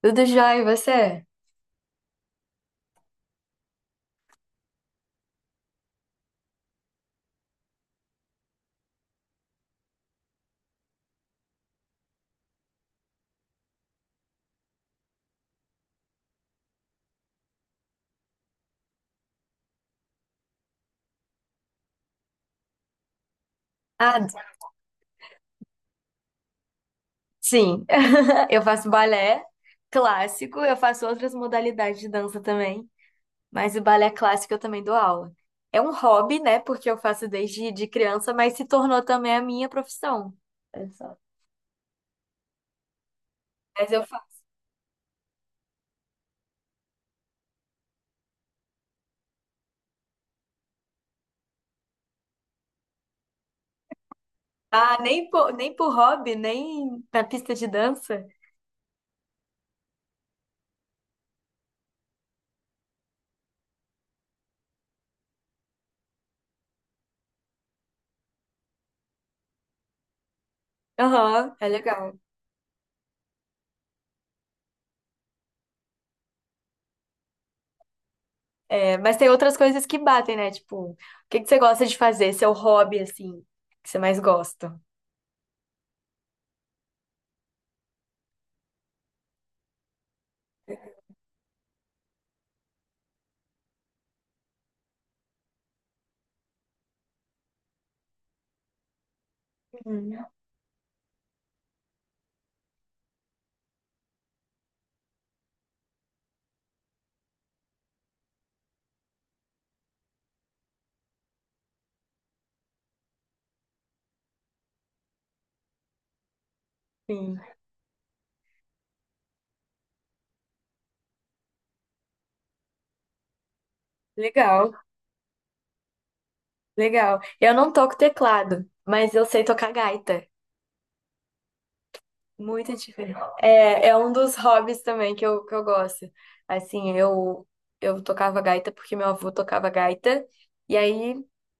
Tudo jóia, e você? Ah, sim. Eu faço balé clássico, eu faço outras modalidades de dança também, mas o balé clássico eu também dou aula. É um hobby, né? Porque eu faço desde de criança, mas se tornou também a minha profissão. É só. Mas eu faço. Ah, nem por hobby, nem na pista de dança? Aham, é legal. É, mas tem outras coisas que batem, né? Tipo, o que você gosta de fazer? Seu hobby, assim, que você mais gosta? Uhum. Sim, legal. Legal. Eu não toco teclado, mas eu sei tocar gaita. Muito diferente. É, é um dos hobbies também que eu gosto. Assim, eu tocava gaita porque meu avô tocava gaita. E aí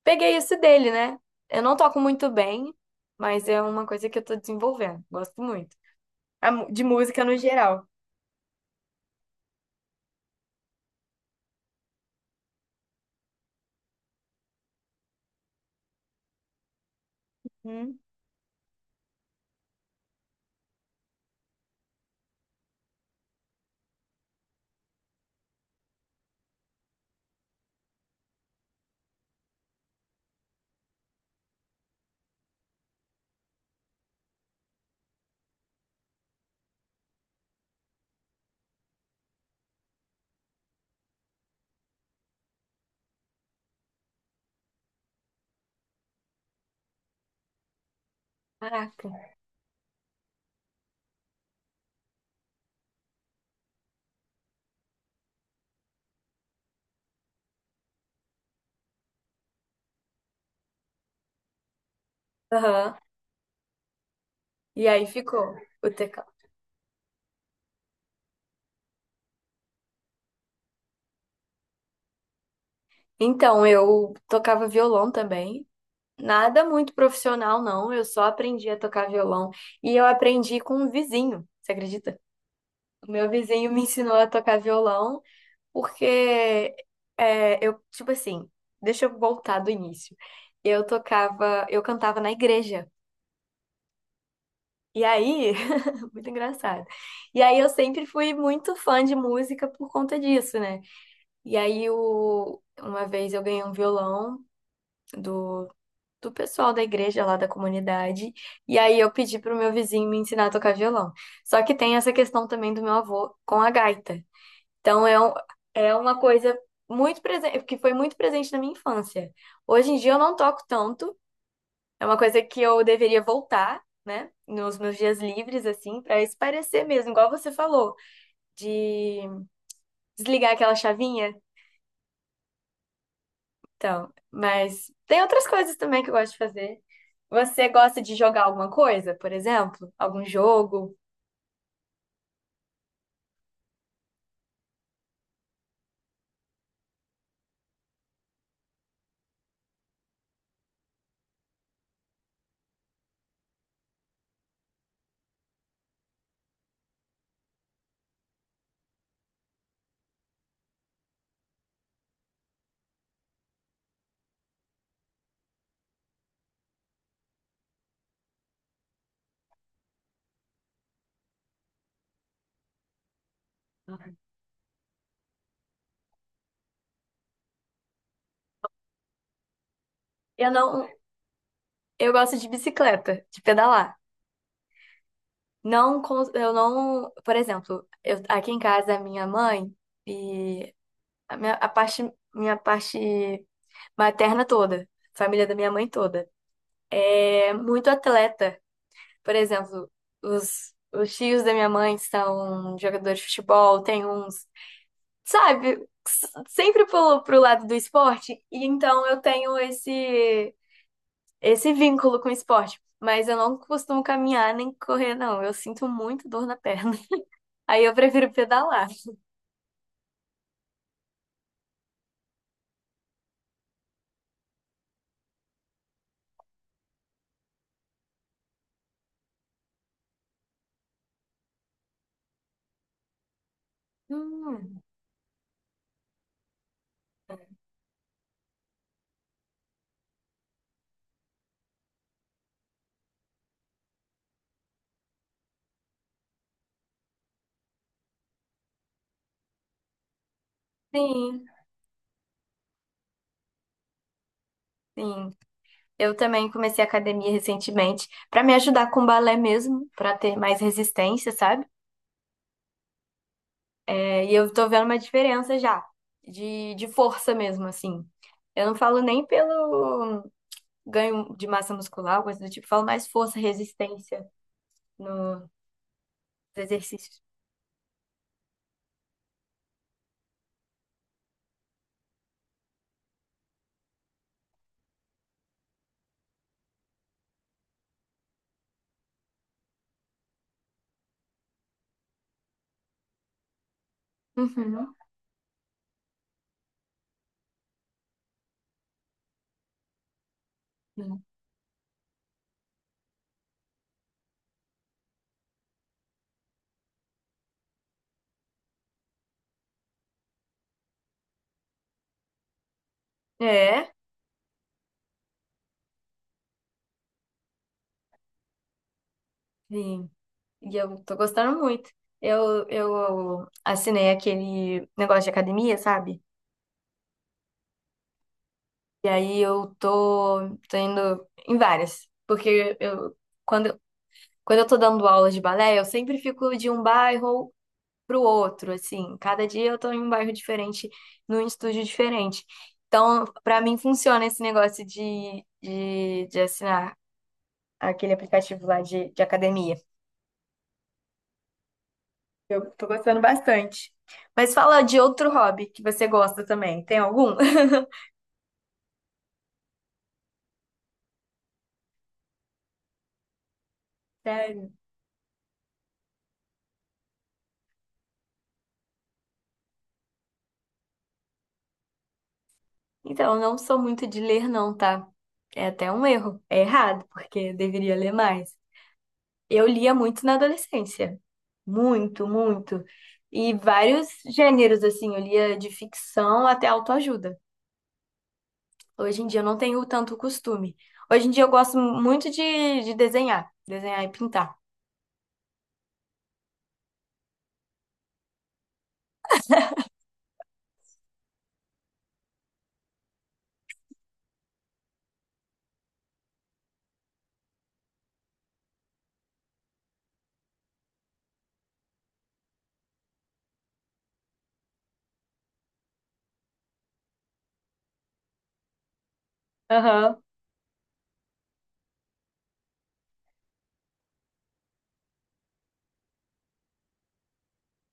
peguei isso dele, né? Eu não toco muito bem, mas é uma coisa que eu tô desenvolvendo. Gosto muito. De música no geral. Hum, caraca. Aham. E aí ficou o teclado. Então, eu tocava violão também. Nada muito profissional, não. Eu só aprendi a tocar violão e eu aprendi com um vizinho, você acredita? O meu vizinho me ensinou a tocar violão porque eu, tipo assim, deixa eu voltar do início. Eu cantava na igreja. E aí, muito engraçado. E aí eu sempre fui muito fã de música por conta disso, né? E aí uma vez eu ganhei um violão do do pessoal da igreja lá da comunidade. E aí eu pedi pro meu vizinho me ensinar a tocar violão. Só que tem essa questão também do meu avô com a gaita. Então é, um- É uma coisa muito presente, que foi muito presente na minha infância. Hoje em dia eu não toco tanto, é uma coisa que eu deveria voltar. Né? Nos meus dias livres, assim, para espairecer mesmo, igual você falou, de desligar aquela chavinha. Então, mas tem outras coisas também que eu gosto de fazer. Você gosta de jogar alguma coisa, por exemplo? Algum jogo? Eu não, eu gosto de bicicleta, de pedalar. Não, cons- eu não, por exemplo, aqui em casa a minha mãe e a minha minha parte materna toda, família da minha mãe toda, é muito atleta. Por exemplo, os tios da minha mãe são jogadores de futebol, tem uns sabe, s- sempre pro lado do esporte, e então eu tenho esse vínculo com o esporte. Mas eu não costumo caminhar nem correr, não. Eu sinto muito dor na perna. Aí eu prefiro pedalar. Hum, sim, sim. Eu também comecei academia recentemente pra me ajudar com balé mesmo, pra ter mais resistência, sabe? É, e eu tô vendo uma diferença já de força mesmo, assim. Eu não falo nem pelo ganho de massa muscular, alguma coisa do tipo, falo mais força, resistência nos exercícios. Uhum. Sim. É, sim. E eu tô gostando muito. Eu assinei aquele negócio de academia, sabe? E aí eu tô indo em várias. Porque eu, quando, quando eu tô dando aulas de balé, eu sempre fico de um bairro pro outro, assim. Cada dia eu tô em um bairro diferente, num estúdio diferente. Então, pra mim funciona esse negócio de assinar aquele aplicativo lá de academia. Eu tô gostando bastante. Mas fala de outro hobby que você gosta também. Tem algum? Sério? Então, eu não sou muito de ler, não, tá? É até um erro. É errado, porque eu deveria ler mais. Eu lia muito na adolescência. Muito, muito. E vários gêneros, assim, eu lia de ficção até autoajuda. Hoje em dia eu não tenho tanto costume. Hoje em dia eu gosto muito de desenhar, desenhar e pintar. Aham.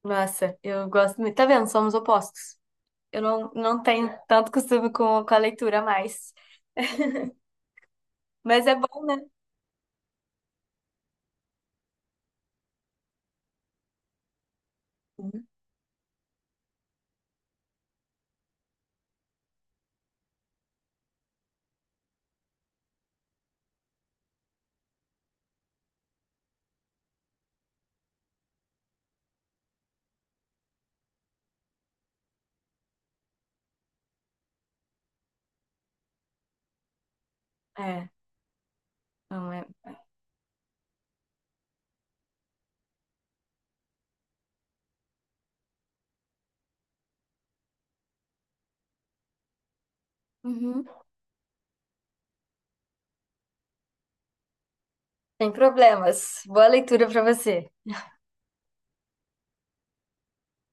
Nossa, eu gosto muito. Tá vendo? Somos opostos. Eu não, não tenho tanto costume com a leitura mais. Mas é bom, né? Uhum. É, não é. Uhum. Sem problemas. Boa leitura pra você.